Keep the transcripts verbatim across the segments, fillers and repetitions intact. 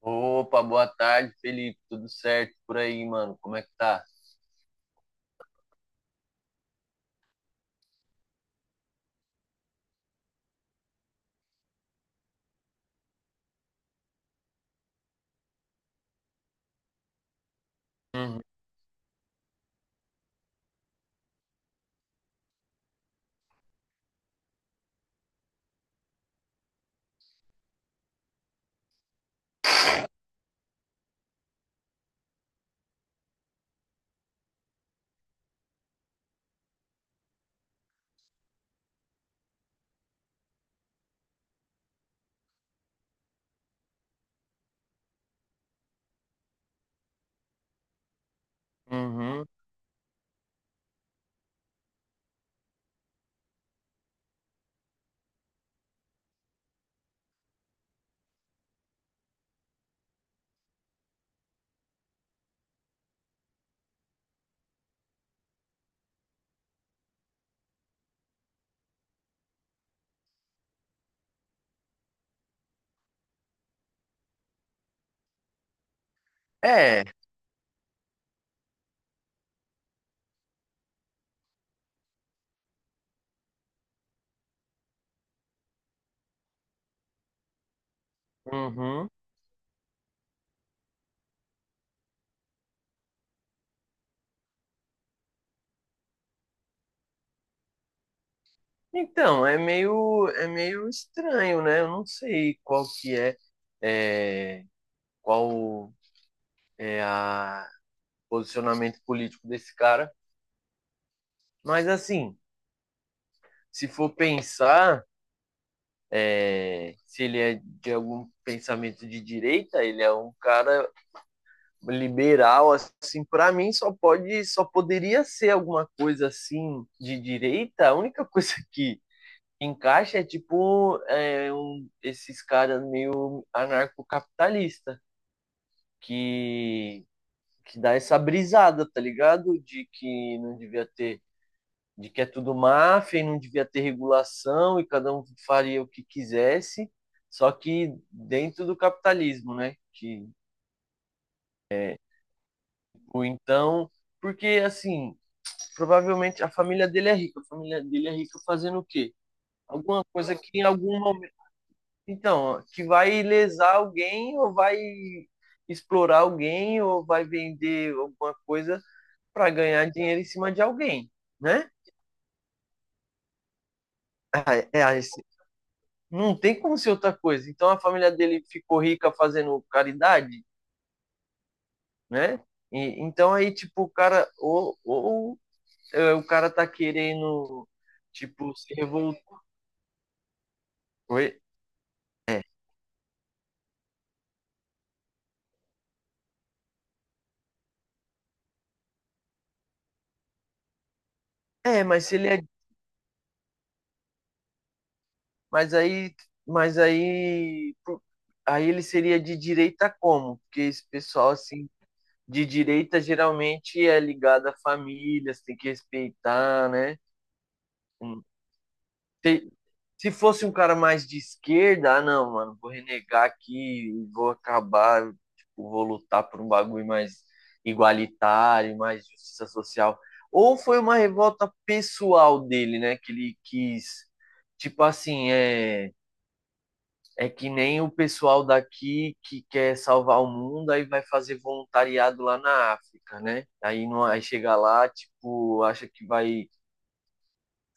Opa, boa tarde, Felipe. Tudo certo por aí, mano? Como é que tá? Uhum, uhum. É. Uhum. Então, é meio, é meio estranho, né? Eu não sei qual que é, é, qual é a posicionamento político desse cara, mas assim, se for pensar, é, se ele é de algum pensamento de direita, ele é um cara liberal assim, para mim só pode só poderia ser alguma coisa assim de direita. A única coisa que encaixa é tipo é, um, esses caras meio anarcocapitalista que que dá essa brisada, tá ligado, de que não devia ter de que é tudo máfia e não devia ter regulação e cada um faria o que quisesse, só que dentro do capitalismo, né? que é, ou então, porque assim, provavelmente a família dele é rica. A família dele é rica fazendo o quê? Alguma coisa que em algum momento. Então, que vai lesar alguém ou vai explorar alguém ou vai vender alguma coisa para ganhar dinheiro em cima de alguém, né? É, é, esse- não tem como ser outra coisa. Então a família dele ficou rica fazendo caridade, né? E então aí, tipo, o cara, ou, ou é, o cara tá querendo, tipo, se revoltar. Oi? É, mas se ele é Mas aí, mas aí, pro- aí ele seria de direita como? Porque esse pessoal assim de direita geralmente é ligado a famílias, tem que respeitar, né? Hum. te- Se fosse um cara mais de esquerda, ah, não, mano, vou renegar aqui, vou acabar, tipo, vou lutar por um bagulho mais igualitário, mais justiça social. Ou foi uma revolta pessoal dele, né? Que ele quis, tipo assim. é É que nem o pessoal daqui que quer salvar o mundo, aí vai fazer voluntariado lá na África, né? Aí, não, aí chega lá, tipo, acha que vai,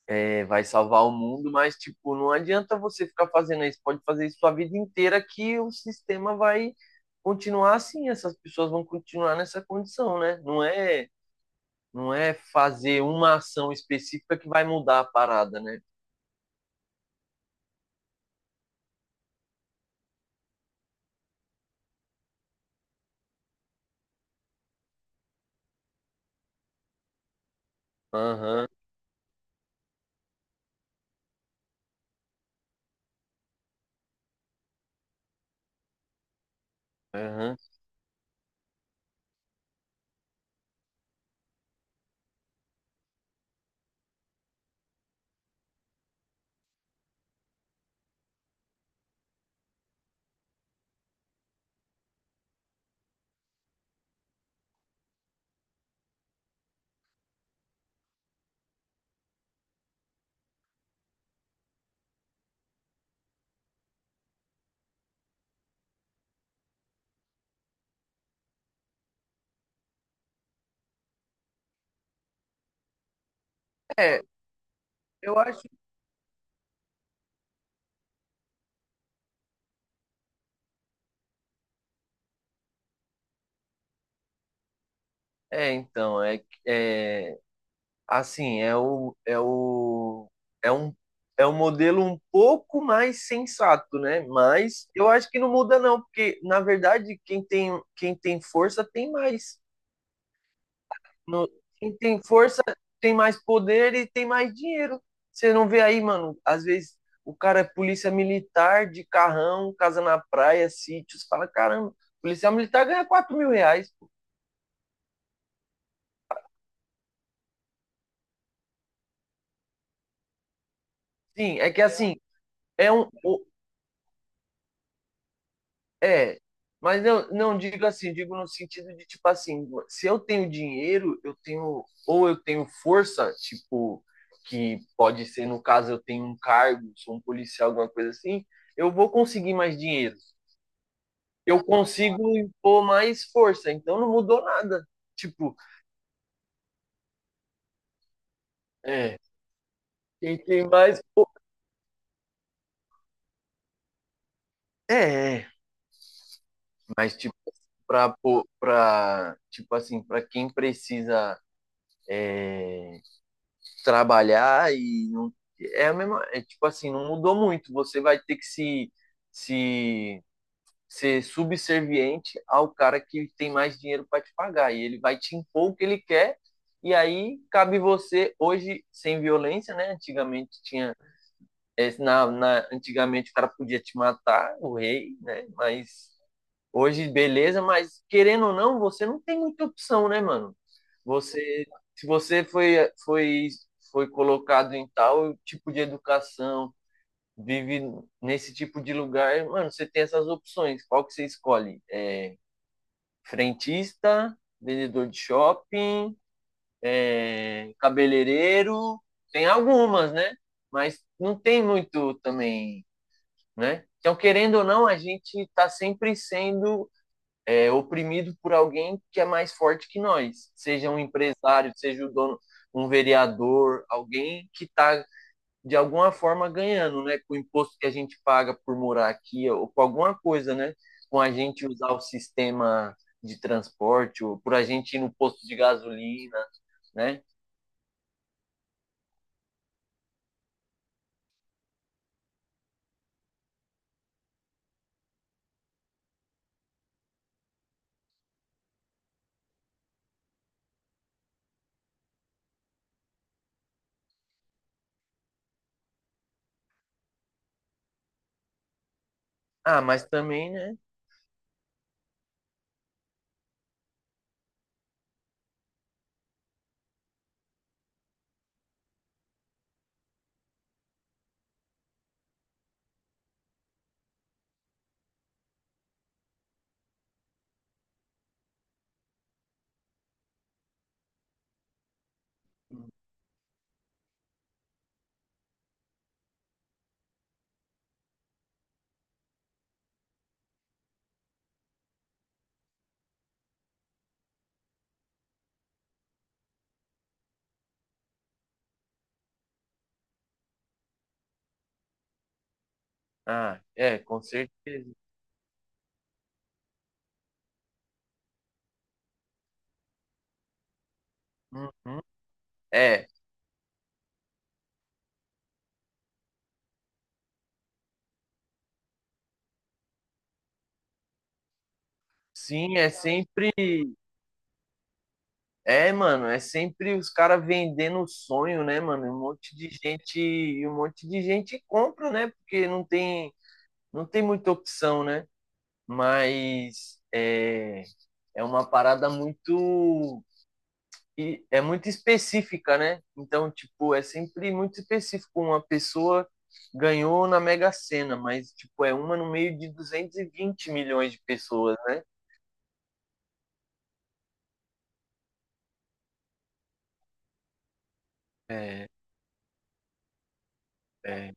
é, vai salvar o mundo, mas, tipo, não adianta você ficar fazendo isso. Pode fazer isso sua vida inteira que o sistema vai continuar assim. Essas pessoas vão continuar nessa condição, né? Não é, não é fazer uma ação específica que vai mudar a parada, né? Aham, aham. É, eu acho. É, então, é, é assim, é o, é o, é um, é um modelo um pouco mais sensato, né? Mas eu acho que não muda não, porque na verdade quem tem, quem tem força tem mais. No- quem tem força tem mais poder e tem mais dinheiro. Você não vê aí, mano? Às vezes o cara é polícia militar de carrão, casa na praia, sítios, fala, caramba, polícia militar ganha quatro mil reais. Sim, é que assim, é um, É, mas não, não digo assim, digo no sentido de, tipo assim, se eu tenho dinheiro, eu tenho, ou eu tenho força, tipo, que pode ser no caso eu tenho um cargo, sou um policial, alguma coisa assim, eu vou conseguir mais dinheiro. Eu consigo impor mais força, então não mudou nada. Tipo, é, quem tem mais, pô, é, é, mas tipo, para para tipo assim, para quem precisa trabalhar e não, é a mesma, é, tipo assim, não mudou muito. Você vai ter que se, se ser subserviente ao cara que tem mais dinheiro para te pagar, e ele vai te impor o que ele quer, e aí cabe você hoje sem violência, né? Antigamente tinha, é, na, na antigamente o cara podia te matar, o rei, né? Mas hoje, beleza, mas querendo ou não, você não tem muita opção, né, mano? Você, se você foi, foi, foi colocado em tal tipo de educação, vive nesse tipo de lugar, mano, você tem essas opções. Qual que você escolhe? É, frentista, vendedor de shopping, é, cabeleireiro, tem algumas, né? Mas não tem muito também, né? Então, querendo ou não, a gente está sempre sendo é, oprimido por alguém que é mais forte que nós, seja um empresário, seja o dono, um vereador, alguém que está de alguma forma ganhando, né, com o imposto que a gente paga por morar aqui ou com alguma coisa, né, com a gente usar o sistema de transporte ou por a gente ir no posto de gasolina, né? Ah, mas também, né? Ah, é, com certeza. Uhum. É, sim, é sempre É, mano, é sempre os caras vendendo o sonho, né, mano? Um monte de gente, e um monte de gente compra, né? Porque não tem, não tem muita opção, né? Mas é, é uma parada muito, e é muito específica, né? Então, tipo, é sempre muito específico. Uma pessoa ganhou na Mega Sena, mas, tipo, é uma no meio de duzentos e vinte milhões de pessoas, né? É,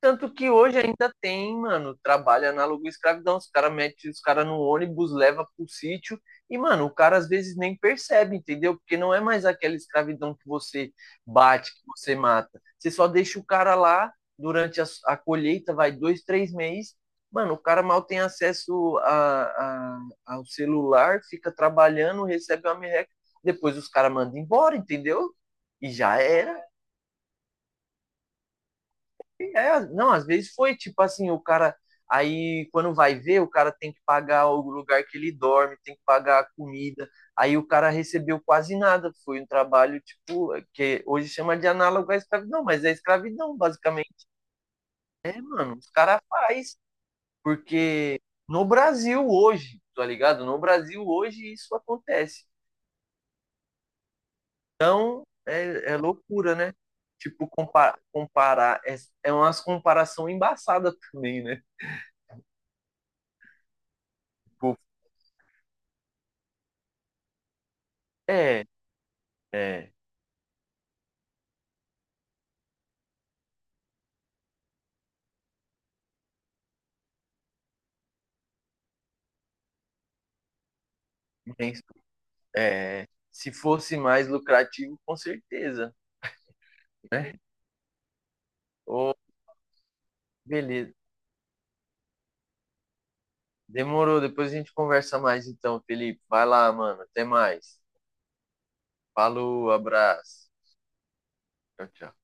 tanto que hoje ainda tem, mano, trabalho análogo à escravidão. Os caras metem os caras no ônibus, leva pro sítio, e, mano, o cara às vezes nem percebe, entendeu? Porque não é mais aquela escravidão que você bate, que você mata. Você só deixa o cara lá durante a, a colheita, vai dois, três meses. Mano, o cara mal tem acesso a, a, ao celular, fica trabalhando, recebe uma merreca, depois os caras mandam embora, entendeu? E já era. É, não, às vezes foi tipo assim, o cara. Aí quando vai ver, o cara tem que pagar o lugar que ele dorme, tem que pagar a comida. Aí o cara recebeu quase nada. Foi um trabalho, tipo, que hoje chama de análogo à escravidão, mas é escravidão, basicamente. É, mano, os caras faz, porque no Brasil hoje, tá ligado? No Brasil hoje isso acontece. É, é loucura, né? Tipo, compa- comparar, é, é umas comparação embaçada também, né? Tipo, é, é. Bem, é, se fosse mais lucrativo, com certeza, né? Ô, beleza. Demorou. Depois a gente conversa mais então, Felipe. Vai lá, mano. Até mais. Falou, abraço. Tchau, tchau.